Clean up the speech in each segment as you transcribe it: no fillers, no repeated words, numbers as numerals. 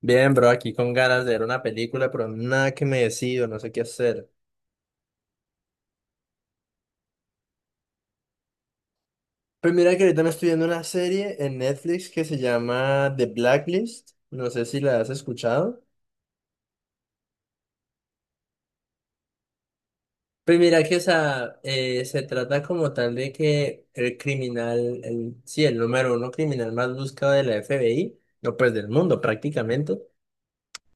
Bien, bro, aquí con ganas de ver una película, pero nada que me decido, no sé qué hacer. Pues mira que ahorita me estoy viendo una serie en Netflix que se llama The Blacklist, no sé si la has escuchado. Pues mira que esa, se trata como tal de que el criminal, el número uno criminal más buscado de la FBI, no pues del mundo prácticamente,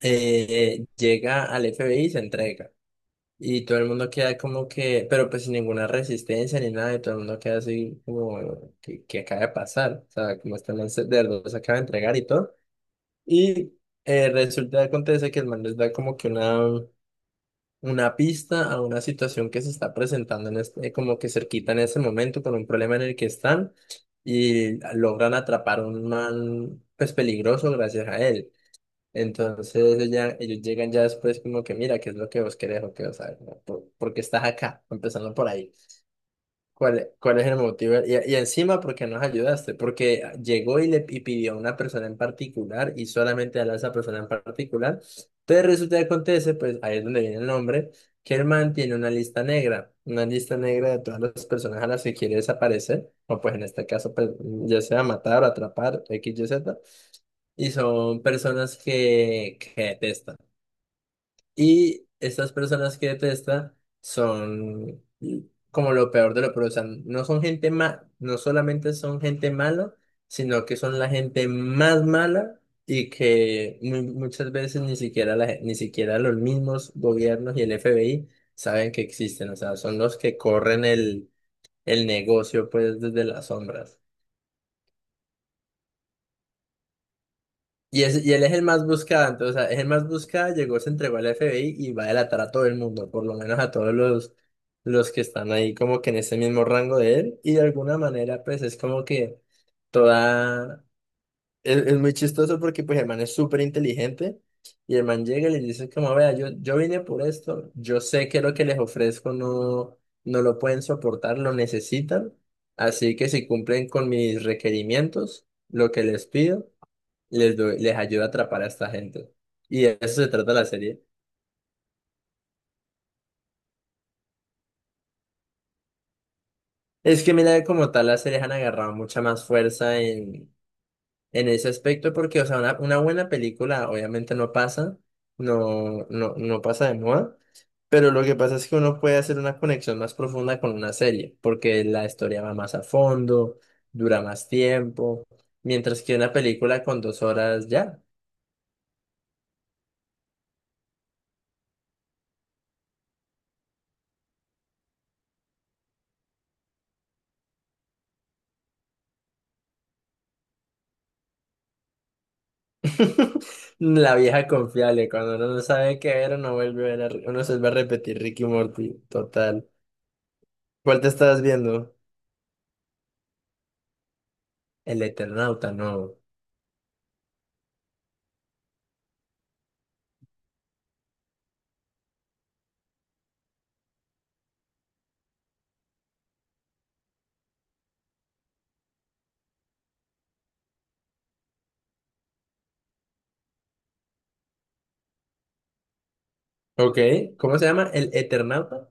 llega al FBI y se entrega. Y todo el mundo queda como que, pero pues sin ninguna resistencia ni nada, y todo el mundo queda así como, ¿qué acaba de pasar? O sea, como este man se, de verdad se acaba de entregar y todo. Y resulta, acontece que el man les da como que una pista a una situación que se está presentando en este, como que cerquita en ese momento con un problema en el que están y logran atrapar a un man pues peligroso gracias a él. Entonces ellos, ya, ellos llegan ya después como que mira, ¿qué es lo que vos querés o qué vos sabes? ¿No? ¿Por qué estás acá? Empezando por ahí. ¿Cuál es el motivo? Y encima, ¿por qué nos ayudaste? Porque llegó y le y pidió a una persona en particular y solamente a esa persona en particular. Entonces resulta que acontece, pues ahí es donde viene el nombre, que el man tiene una lista negra de todas las personas a las que quiere desaparecer, o pues en este caso, pues, ya sea matar, atrapar, X, Y, Z. Y son personas que detesta. Y estas personas que detesta son como lo peor de lo peor. O sea, no son gente ma, no solamente son gente mala, sino que son la gente más mala y que mu- muchas veces ni siquiera la, gen- ni siquiera los mismos gobiernos y el FBI saben que existen. O sea, son los que corren el negocio pues desde las sombras. Y, es- y él es el más buscado, entonces, o sea, es el más buscado, llegó, se entregó al FBI y va a delatar a todo el mundo, por lo menos a todos los que están ahí como que en ese mismo rango de él, y de alguna manera pues es como que toda, es muy chistoso porque pues el man es súper inteligente y el man llega y le dice como, vea, yo vine por esto, yo sé que lo que les ofrezco no, no lo pueden soportar, lo necesitan, así que si cumplen con mis requerimientos, lo que les pido les, doy- les ayuda a atrapar a esta gente. Y de eso se trata la serie. Es que mira, como tal, las series han agarrado mucha más fuerza en ese aspecto, porque, o sea, una buena película obviamente no pasa, no pasa de moda, pero lo que pasa es que uno puede hacer una conexión más profunda con una serie, porque la historia va más a fondo, dura más tiempo, mientras que una película con dos horas ya. La vieja confiable, cuando uno no sabe qué ver, uno vuelve a ver, a- uno se va a repetir Ricky y Morty, total. ¿Cuál te estás viendo? El Eternauta, no. Ok, ¿cómo se llama? ¿El Eternauta?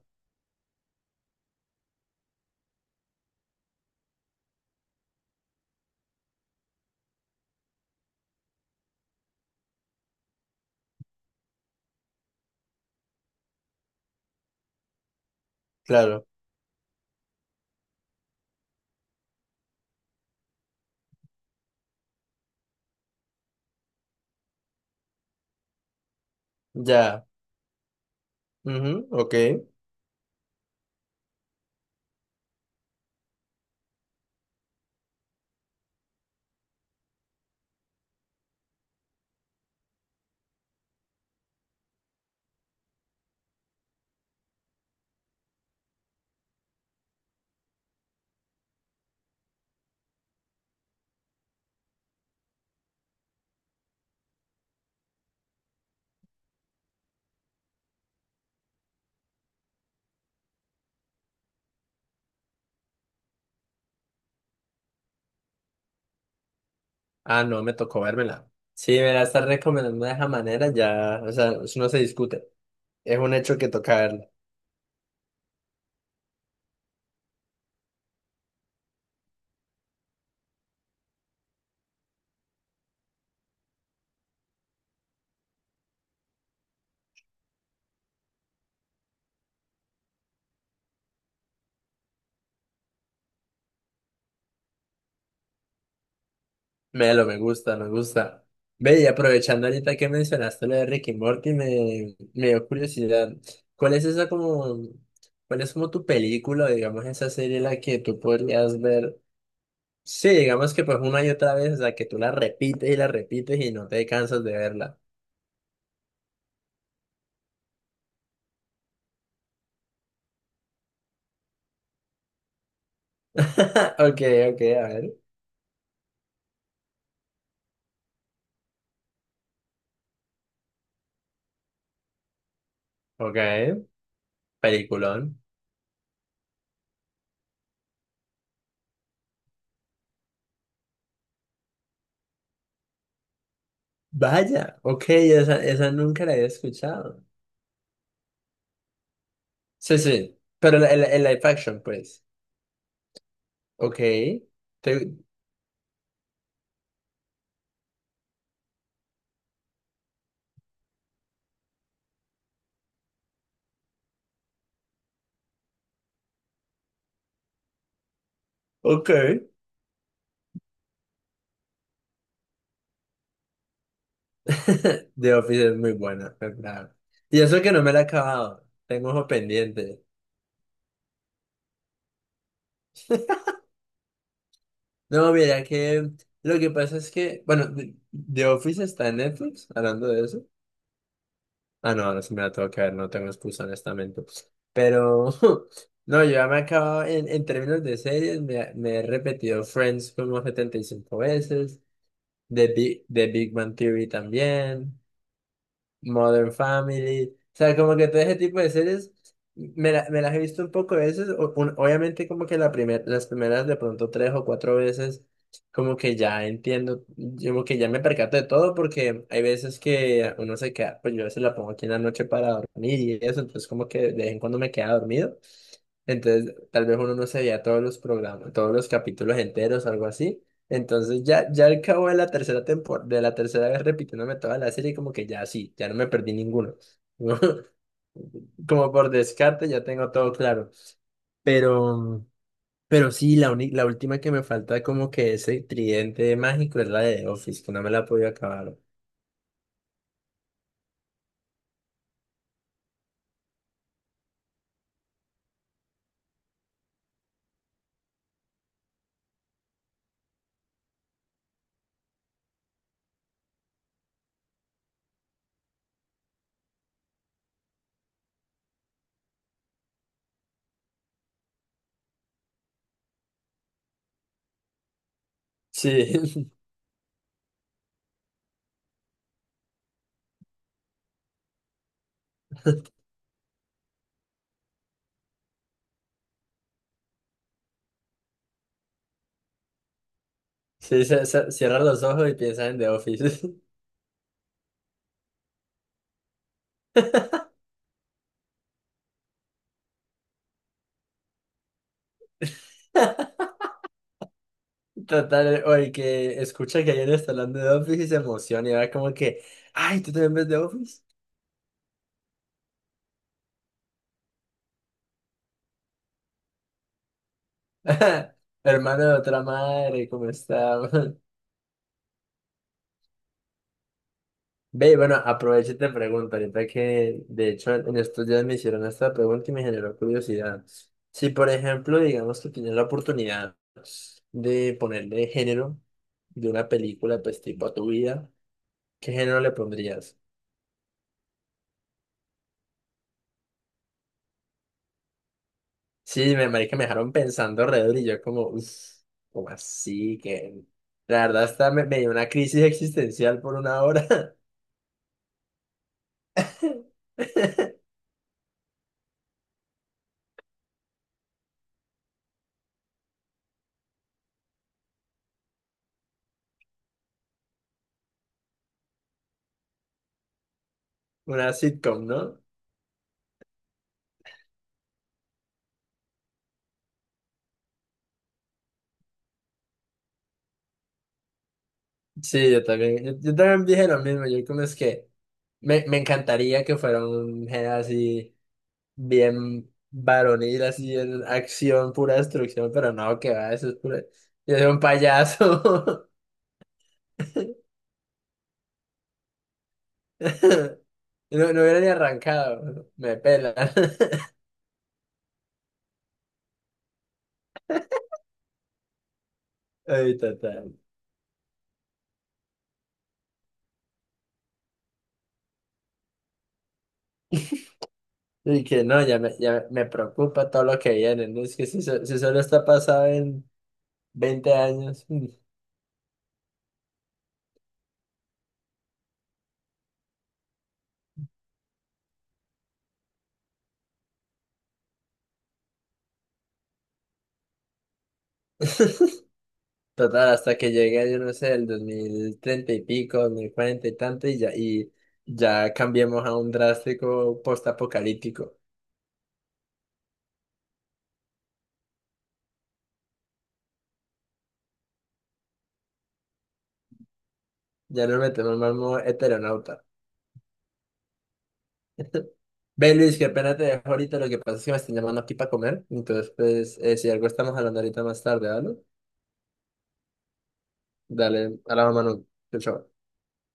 Claro, ya. Ujú, ok. Ah, no, me tocó vérmela. Sí, me la estás recomendando de esa manera, ya, o sea, eso no se discute. Es un hecho que toca verlo. Melo, me gusta, me gusta. Ve, y aprovechando ahorita que mencionaste lo de Ricky y Morty, me dio curiosidad. ¿Cuál es esa como, cuál es como tu película, digamos, esa serie en la que tú podrías ver? Sí, digamos que pues una y otra vez, o sea, que tú la repites y no te cansas de verla. Ok, ok, a ver. Ok, peliculón. Vaya, ok, esa nunca la había escuchado. Sí, sí, pero el, el live action, pues. Ok. Te- Ok. The Office es muy buena, en verdad. Y eso que no me la he acabado, tengo ojo pendiente. No, mira que lo que pasa es que, bueno, The Office está en Netflix, hablando de eso. Ah, no, ahora sí me la tengo que ver, no tengo excusa, honestamente. Pero, no, yo ya me he acabado, en términos de series, me he repetido Friends como 75 veces, The Big Bang Theory también. Modern Family. O sea, como que todo ese tipo de series me, la- me las he visto un poco de veces. O- un- obviamente como que la primer, las primeras de pronto tres o cuatro veces, como que ya entiendo, yo como que ya me percato de todo porque hay veces que uno se queda, pues yo a veces la pongo aquí en la noche para dormir y eso, entonces como que de vez en cuando me queda dormido. Entonces, tal vez uno no se veía todos los programas, todos los capítulos enteros, algo así. Entonces ya al cabo de la tercera temporada, de la tercera vez repitiéndome toda la serie, como que ya sí, ya no me perdí ninguno. Como por descarte ya tengo todo claro. Pero, pero sí, la, uni- la última que me falta como que ese tridente mágico es la de The Office, que no me la he podido acabar. Sí, sí, se- se- cierra los ojos y piensa en The Office. Total, o el que escucha que alguien está hablando de The Office y se emociona y va como que, ay, ¿tú también ves The Office? Hermano de otra madre, ¿cómo está? Ve, bueno, aprovecho y te pregunto, ahorita que de hecho en estos días me hicieron esta pregunta y me generó curiosidad. Si por ejemplo, digamos que tienes la oportunidad de ponerle género de una película, pues tipo a tu vida, ¿qué género le pondrías? Sí, me marica, me dejaron pensando alrededor y yo como, uff, como así que... La verdad hasta me, me dio una crisis existencial por una hora. Una sitcom, ¿no? Sí, yo también, yo también dije lo mismo, yo como es que me encantaría que fuera un género así bien varonil, así en acción, pura destrucción, pero no, que va, eso es pura, yo soy un payaso. No, no hubiera ni arrancado, me pelan. Ay, total. Y que no, ya me preocupa todo lo que viene, ¿no? Es que si, so- si solo está pasado en 20 años. Total, hasta que llegue, yo no sé, el 2030 y pico, 2040 y tanto, y ya cambiemos a un drástico postapocalíptico. Ya nos metemos más modo heteronauta. Ve, Luis, qué pena te dejo ahorita. Lo que pasa es que me están llamando aquí para comer. Entonces, pues, si algo estamos hablando ahorita más tarde, ¿vale? Dale, a la mano. Chao, chao.